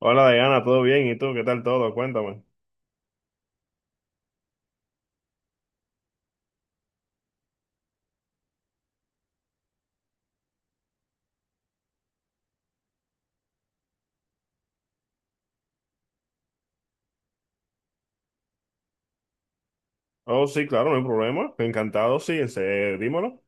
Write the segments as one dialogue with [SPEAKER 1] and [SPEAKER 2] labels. [SPEAKER 1] Hola Diana, ¿todo bien? ¿Y tú? ¿Qué tal todo? Cuéntame. Oh, sí, claro, no hay problema. Encantado, sí, dímelo.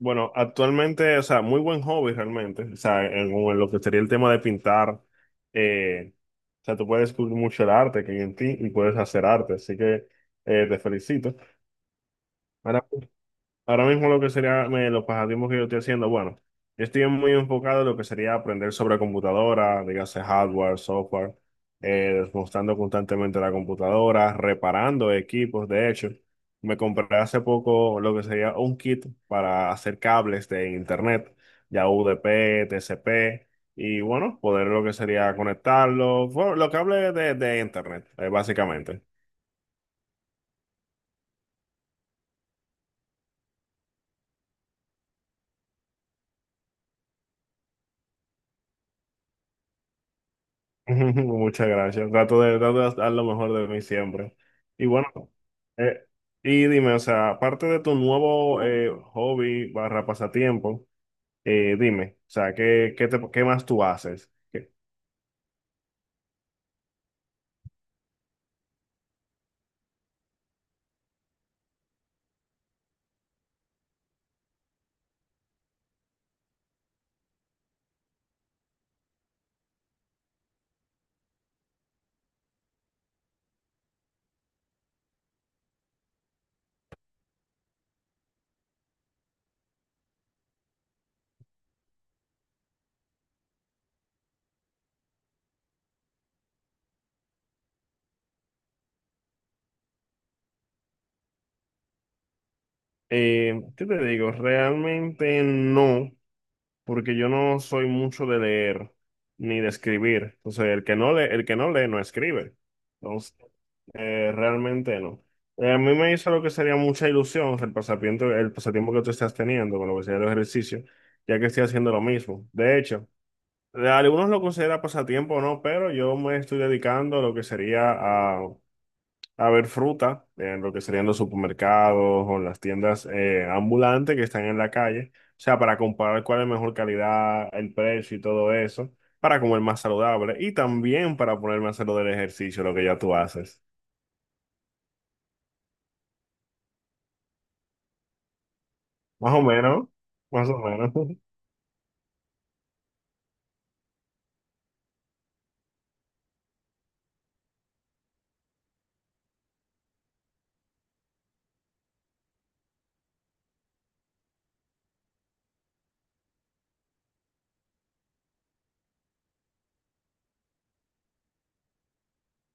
[SPEAKER 1] Bueno, actualmente, o sea, muy buen hobby realmente. O sea, en lo que sería el tema de pintar, eh, o sea, tú puedes descubrir mucho el arte que hay en ti y puedes hacer arte, así que te felicito. Ahora, Ahora mismo lo que sería los pasatiempos que yo estoy haciendo, bueno, yo estoy muy enfocado en lo que sería aprender sobre computadora, dígase hardware, software, desmontando constantemente la computadora, reparando equipos. De hecho, me compré hace poco lo que sería un kit para hacer cables de internet, ya UDP, TCP, y bueno, poder lo que sería conectarlo, bueno, los cables de internet, básicamente. Muchas gracias. Trato de dar lo mejor de mí siempre. Y bueno, eh, y dime, o sea, aparte de tu nuevo hobby barra pasatiempo, dime, o sea, ¿qué, qué más tú haces? ¿Qué, qué te digo? Realmente no. Porque yo no soy mucho de leer ni de escribir. Entonces, el que no lee no escribe. Entonces, realmente no. A mí me hizo lo que sería mucha ilusión el pasatiempo que tú estás teniendo con lo que sería el ejercicio, ya que estoy haciendo lo mismo. De hecho, algunos lo consideran pasatiempo o no, pero yo me estoy dedicando a lo que sería a a ver fruta en lo que serían los supermercados o las tiendas ambulantes que están en la calle. O sea, para comparar cuál es mejor calidad, el precio y todo eso, para comer más saludable y también para ponerme a hacer lo del ejercicio, lo que ya tú haces. Más o menos, más o menos.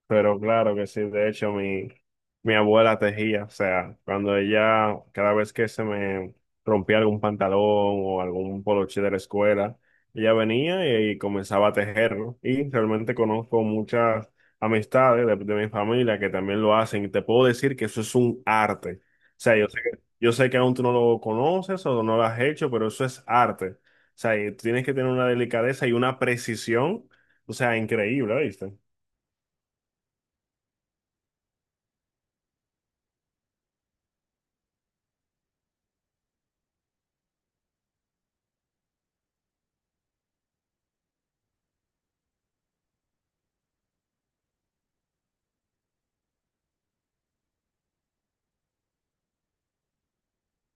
[SPEAKER 1] Pero claro que sí, de hecho mi abuela tejía, o sea, cuando ella, cada vez que se me rompía algún pantalón o algún poloche de la escuela, ella venía y comenzaba a tejerlo. Y realmente conozco muchas amistades de mi familia que también lo hacen y te puedo decir que eso es un arte. O sea, yo sé que aún tú no lo conoces o no lo has hecho, pero eso es arte. O sea, y tienes que tener una delicadeza y una precisión, o sea, increíble, ¿viste?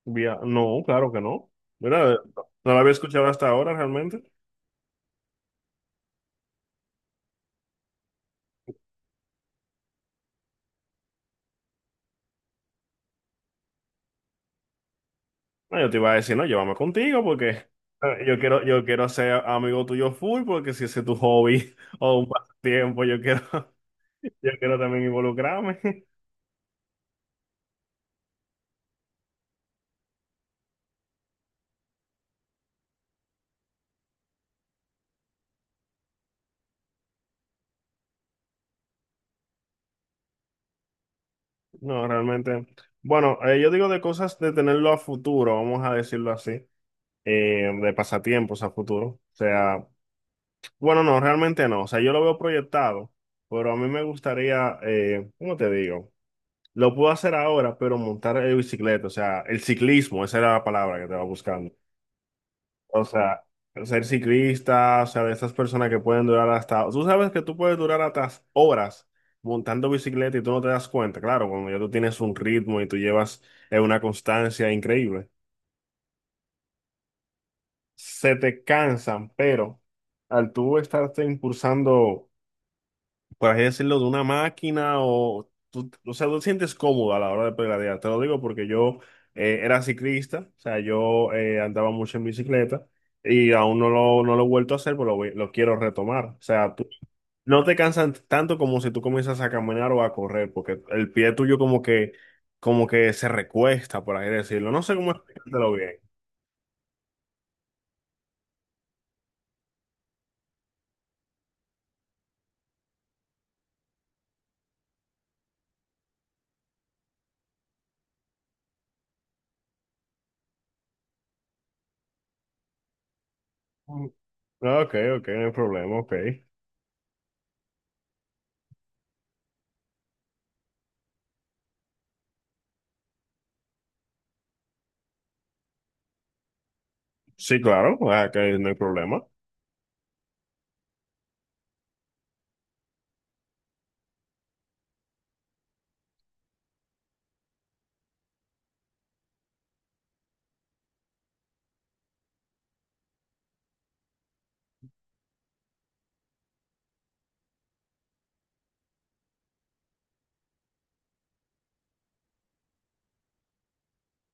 [SPEAKER 1] No, claro que no. Mira, no la había escuchado hasta ahora realmente. No, yo te iba a decir, no, llévame contigo porque yo quiero ser amigo tuyo full porque si ese es tu hobby o un pasatiempo, yo quiero, yo quiero también involucrarme. No, realmente. Bueno, yo digo de cosas de tenerlo a futuro, vamos a decirlo así, de pasatiempos a futuro. O sea, bueno, no, realmente no. O sea, yo lo veo proyectado, pero a mí me gustaría, ¿cómo te digo? Lo puedo hacer ahora, pero montar en bicicleta, o sea, el ciclismo, esa era la palabra que estaba buscando. O sea, ser ciclista, o sea, de esas personas que pueden durar hasta, tú sabes que tú puedes durar hasta horas montando bicicleta y tú no te das cuenta, claro, cuando ya tú tienes un ritmo y tú llevas una constancia increíble, se te cansan, pero al tú estarte impulsando por así decirlo, de una máquina o, tú, o sea, tú te sientes cómodo a la hora de pedalear. Te lo digo porque yo era ciclista, o sea, yo andaba mucho en bicicleta y aún no lo he vuelto a hacer, pero lo quiero retomar. O sea, tú no te cansan tanto como si tú comienzas a caminar o a correr, porque el pie tuyo como que se recuesta, por así decirlo. No sé cómo explicártelo bien. Mm. Ok, ok, no hay problema, ok. Sí, claro, ah, que no hay problema.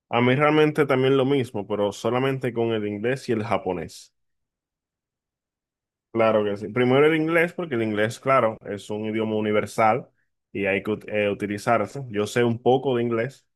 [SPEAKER 1] A mí realmente también lo mismo, pero solamente con el inglés y el japonés. Claro que sí. Primero el inglés, porque el inglés, claro, es un idioma universal y hay que utilizarse. Yo sé un poco de inglés,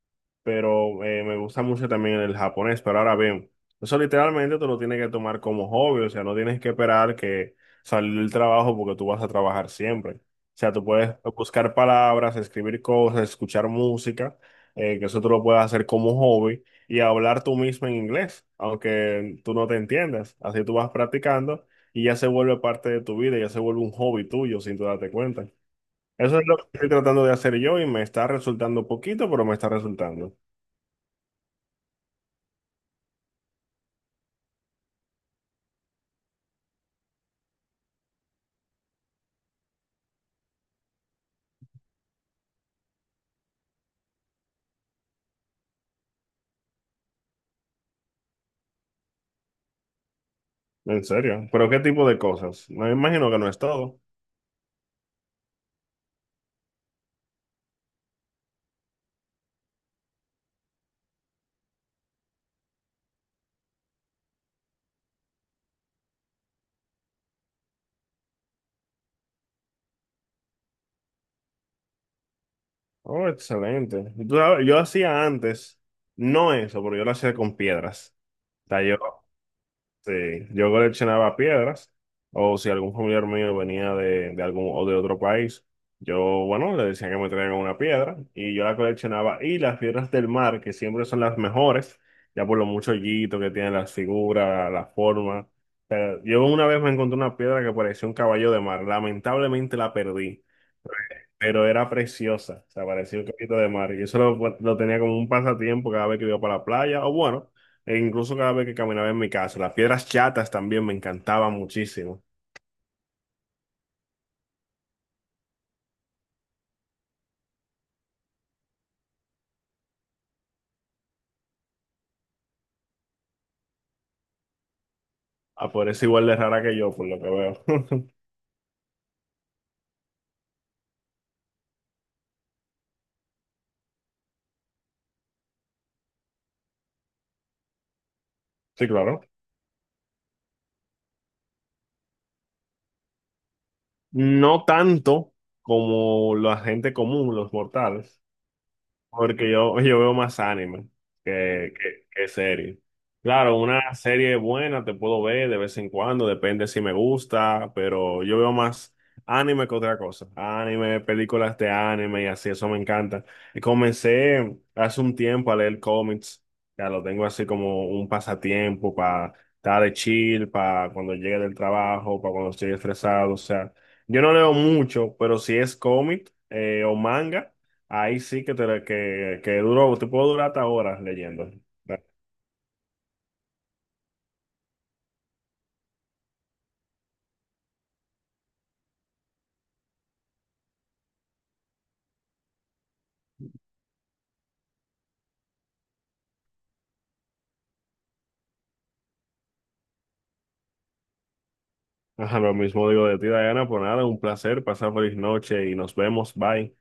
[SPEAKER 1] pero me gusta mucho también el japonés. Pero ahora bien, eso literalmente tú lo tienes que tomar como hobby, o sea, no tienes que esperar que salir del trabajo porque tú vas a trabajar siempre. O sea, tú puedes buscar palabras, escribir cosas, escuchar música, que eso tú lo puedes hacer como hobby y hablar tú mismo en inglés, aunque tú no te entiendas. Así tú vas practicando y ya se vuelve parte de tu vida, ya se vuelve un hobby tuyo sin tú darte cuenta. Eso es lo que estoy tratando de hacer yo y me está resultando poquito, pero me está resultando. En serio. ¿Pero qué tipo de cosas? Me imagino que no es todo. Oh, excelente. Y tú sabes, yo hacía antes, no eso, pero yo lo hacía con piedras. O sea, yo. Sí, yo coleccionaba piedras, o si algún familiar mío venía de algún o de otro país, yo, bueno, le decía que me traigan una piedra y yo la coleccionaba. Y las piedras del mar, que siempre son las mejores, ya por lo mucho hoyito que tienen las figuras, la forma. O sea, yo una vez me encontré una piedra que parecía un caballo de mar, lamentablemente la perdí, pero era preciosa, o sea, parecía un copito de mar. Y eso lo tenía como un pasatiempo cada vez que iba para la playa, o bueno, e incluso cada vez que caminaba en mi casa. Las piedras chatas también me encantaban muchísimo. Ah, por eso igual de rara que yo, por lo que veo. Sí, claro. No tanto como la gente común, los mortales. Porque yo veo más anime que serie. Claro, una serie buena te puedo ver de vez en cuando, depende si me gusta, pero yo veo más anime que otra cosa. Anime, películas de anime y así, eso me encanta. Y comencé hace un tiempo a leer cómics, ya lo tengo así como un pasatiempo para estar de chill, para cuando llegue del trabajo, para cuando estoy estresado. O sea, yo no leo mucho, pero si es cómic o manga. Ahí sí que duro, te puedo durar hasta horas leyendo. Ajá, lo mismo digo de ti, Diana, por nada, un placer, pasar feliz noche y nos vemos, bye.